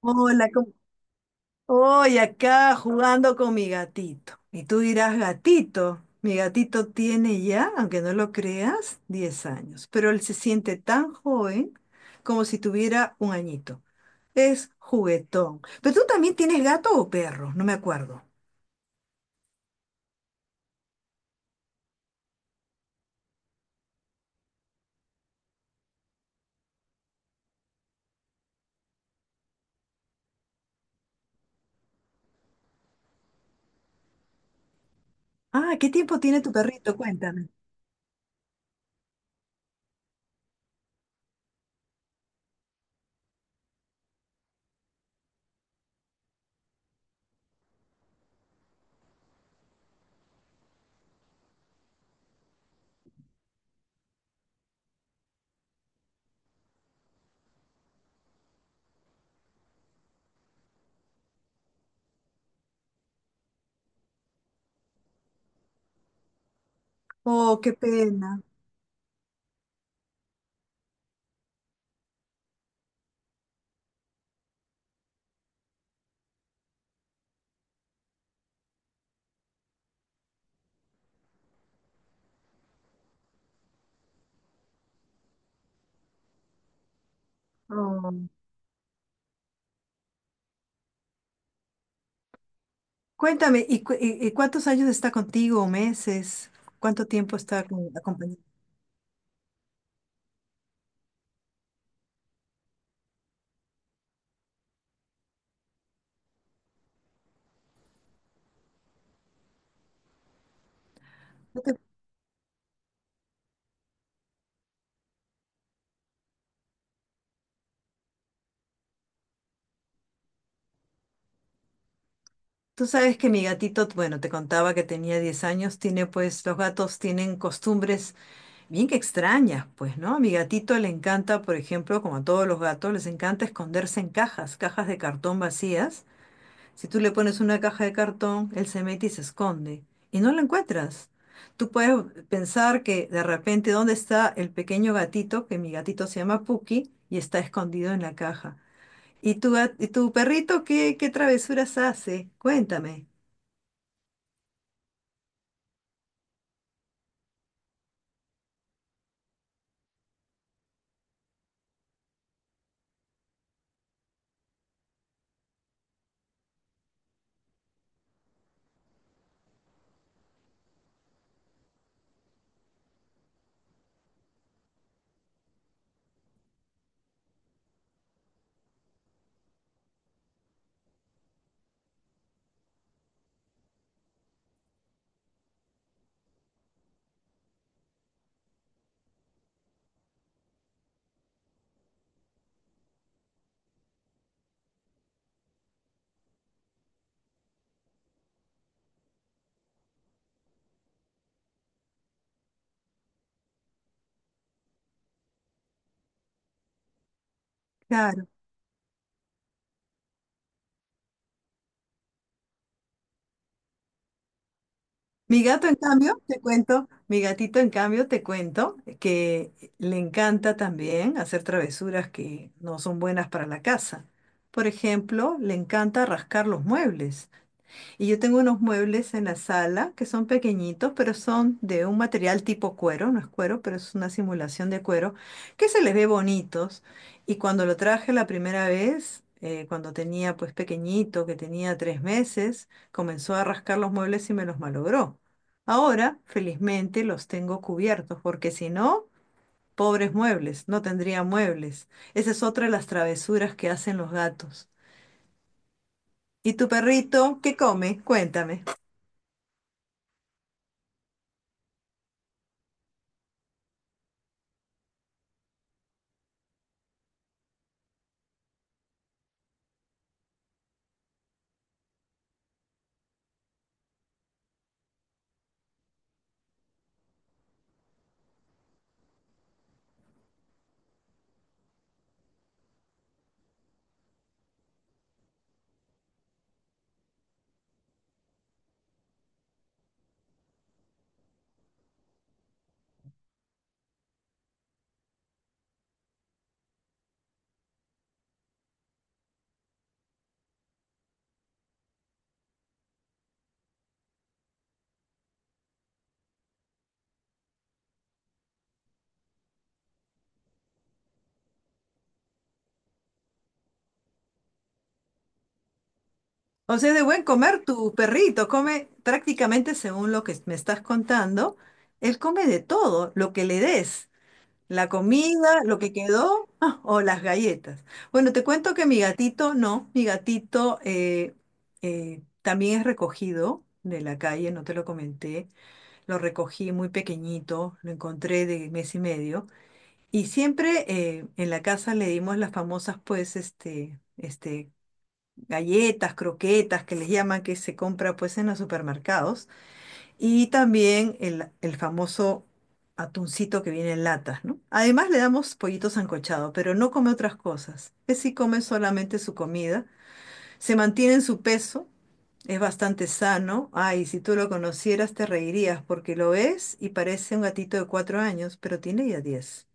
Hola. Hoy acá jugando con mi gatito. Y tú dirás, gatito, mi gatito tiene ya, aunque no lo creas, 10 años, pero él se siente tan joven como si tuviera un añito. Es juguetón. Pero tú también tienes gato o perro, no me acuerdo. Ah, ¿qué tiempo tiene tu perrito? Cuéntame. Oh, qué pena. Oh. Cuéntame, ¿y, y cuántos años está contigo? ¿Meses? ¿Cuánto tiempo está acompañado? Tú sabes que mi gatito, bueno, te contaba que tenía 10 años, tiene pues, los gatos tienen costumbres bien que extrañas, pues, ¿no? A mi gatito le encanta, por ejemplo, como a todos los gatos, les encanta esconderse en cajas, cajas de cartón vacías. Si tú le pones una caja de cartón, él se mete y se esconde y no lo encuentras. Tú puedes pensar que de repente, ¿dónde está el pequeño gatito? Que mi gatito se llama Puki y está escondido en la caja. ¿Y y tu perrito qué travesuras hace? Cuéntame. Mi gato, en cambio, te cuento, mi gatito, en cambio, te cuento que le encanta también hacer travesuras que no son buenas para la casa. Por ejemplo, le encanta rascar los muebles. Y yo tengo unos muebles en la sala que son pequeñitos, pero son de un material tipo cuero, no es cuero, pero es una simulación de cuero, que se les ve bonitos. Y cuando lo traje la primera vez, cuando tenía pues pequeñito, que tenía 3 meses, comenzó a rascar los muebles y me los malogró. Ahora, felizmente, los tengo cubiertos, porque si no, pobres muebles, no tendría muebles. Esa es otra de las travesuras que hacen los gatos. ¿Y tu perrito qué come? Cuéntame. O sea, de buen comer, tu perrito come prácticamente según lo que me estás contando. Él come de todo, lo que le des, la comida, lo que quedó ah, o las galletas. Bueno, te cuento que mi gatito no, mi gatito también es recogido de la calle, no te lo comenté. Lo recogí muy pequeñito, lo encontré de mes y medio. Y siempre en la casa le dimos las famosas, pues, este, galletas, croquetas, que les llaman, que se compra pues en los supermercados, y también el famoso atuncito que viene en latas, ¿no? Además le damos pollito sancochado, pero no come otras cosas. Que sí come solamente su comida, se mantiene en su peso, es bastante sano. Ay, si tú lo conocieras te reirías porque lo ves y parece un gatito de 4 años, pero tiene ya 10.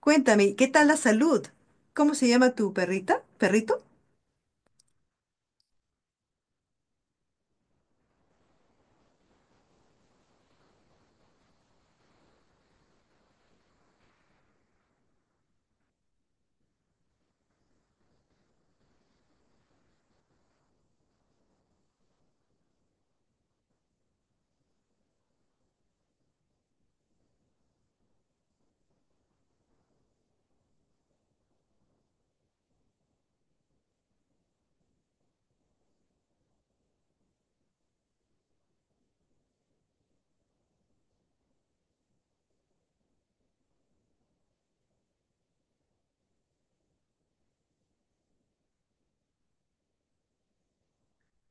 Cuéntame, ¿qué tal la salud? ¿Cómo se llama tu perrita? ¿Perrito?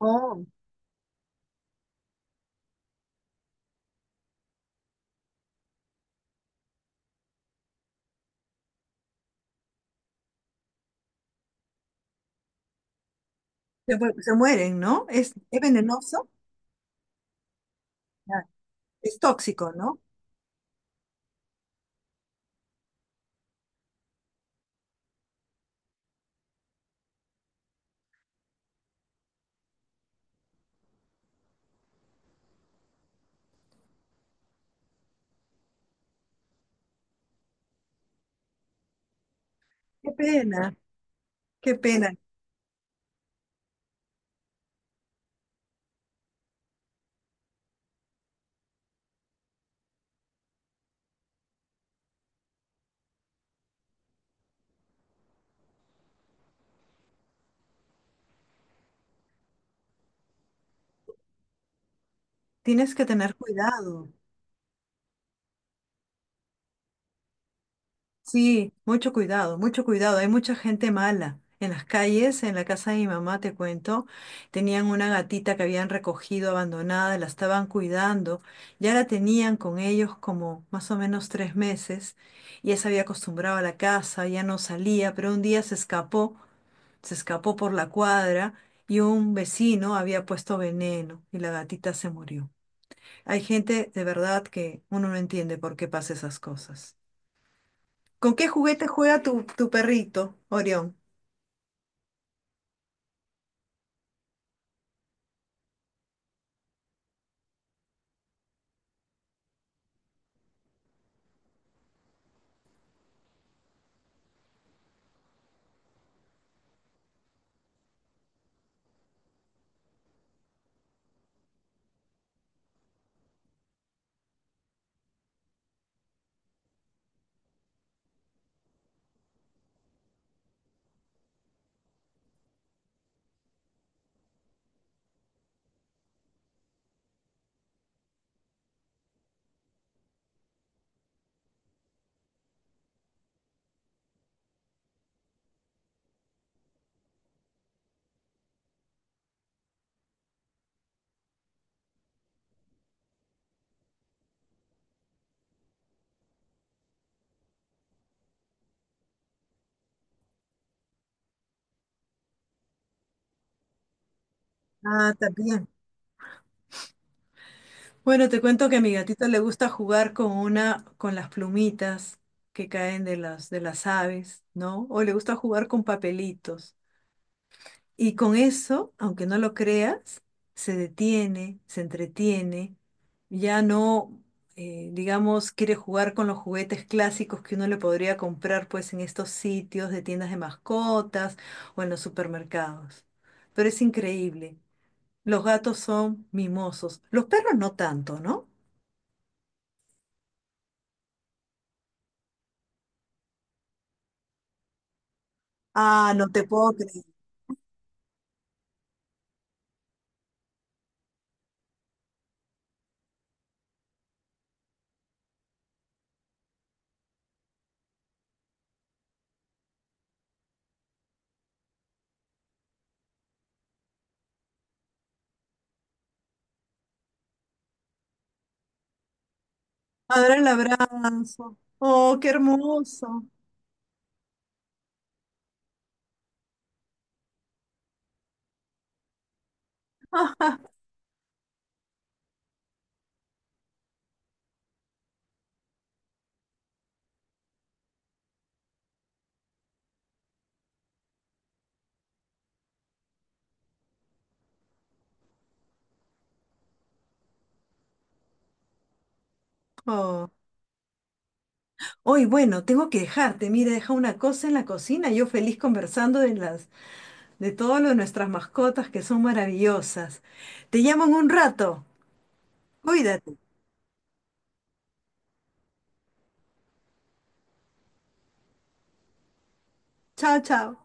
Oh. Se mueren, ¿no? Es venenoso. Ah, es tóxico, ¿no? Qué pena, qué pena. Tienes que tener cuidado. Sí, mucho cuidado, mucho cuidado. Hay mucha gente mala. En las calles, en la casa de mi mamá, te cuento, tenían una gatita que habían recogido abandonada, la estaban cuidando. Ya la tenían con ellos como más o menos 3 meses. Ya se había acostumbrado a la casa, ya no salía, pero un día se escapó. Se escapó por la cuadra y un vecino había puesto veneno y la gatita se murió. Hay gente de verdad que uno no entiende por qué pasa esas cosas. ¿Con qué juguete juega tu perrito, Orión? Ah, también. Bueno, te cuento que a mi gatita le gusta jugar con con las plumitas que caen de de las aves, ¿no? O le gusta jugar con papelitos. Y con eso, aunque no lo creas, se detiene, se entretiene, ya no, digamos, quiere jugar con los juguetes clásicos que uno le podría comprar pues en estos sitios de tiendas de mascotas o en los supermercados. Pero es increíble. Los gatos son mimosos. Los perros no tanto, ¿no? Ah, no te puedo creer. Ahora el abrazo. Oh, qué hermoso. Oh. Hoy, bueno, tengo que dejarte. Mira, he dejado una cosa en la cocina. Yo feliz conversando de las, de todo lo de nuestras mascotas que son maravillosas. Te llamo en un rato. Cuídate. Chao, chao.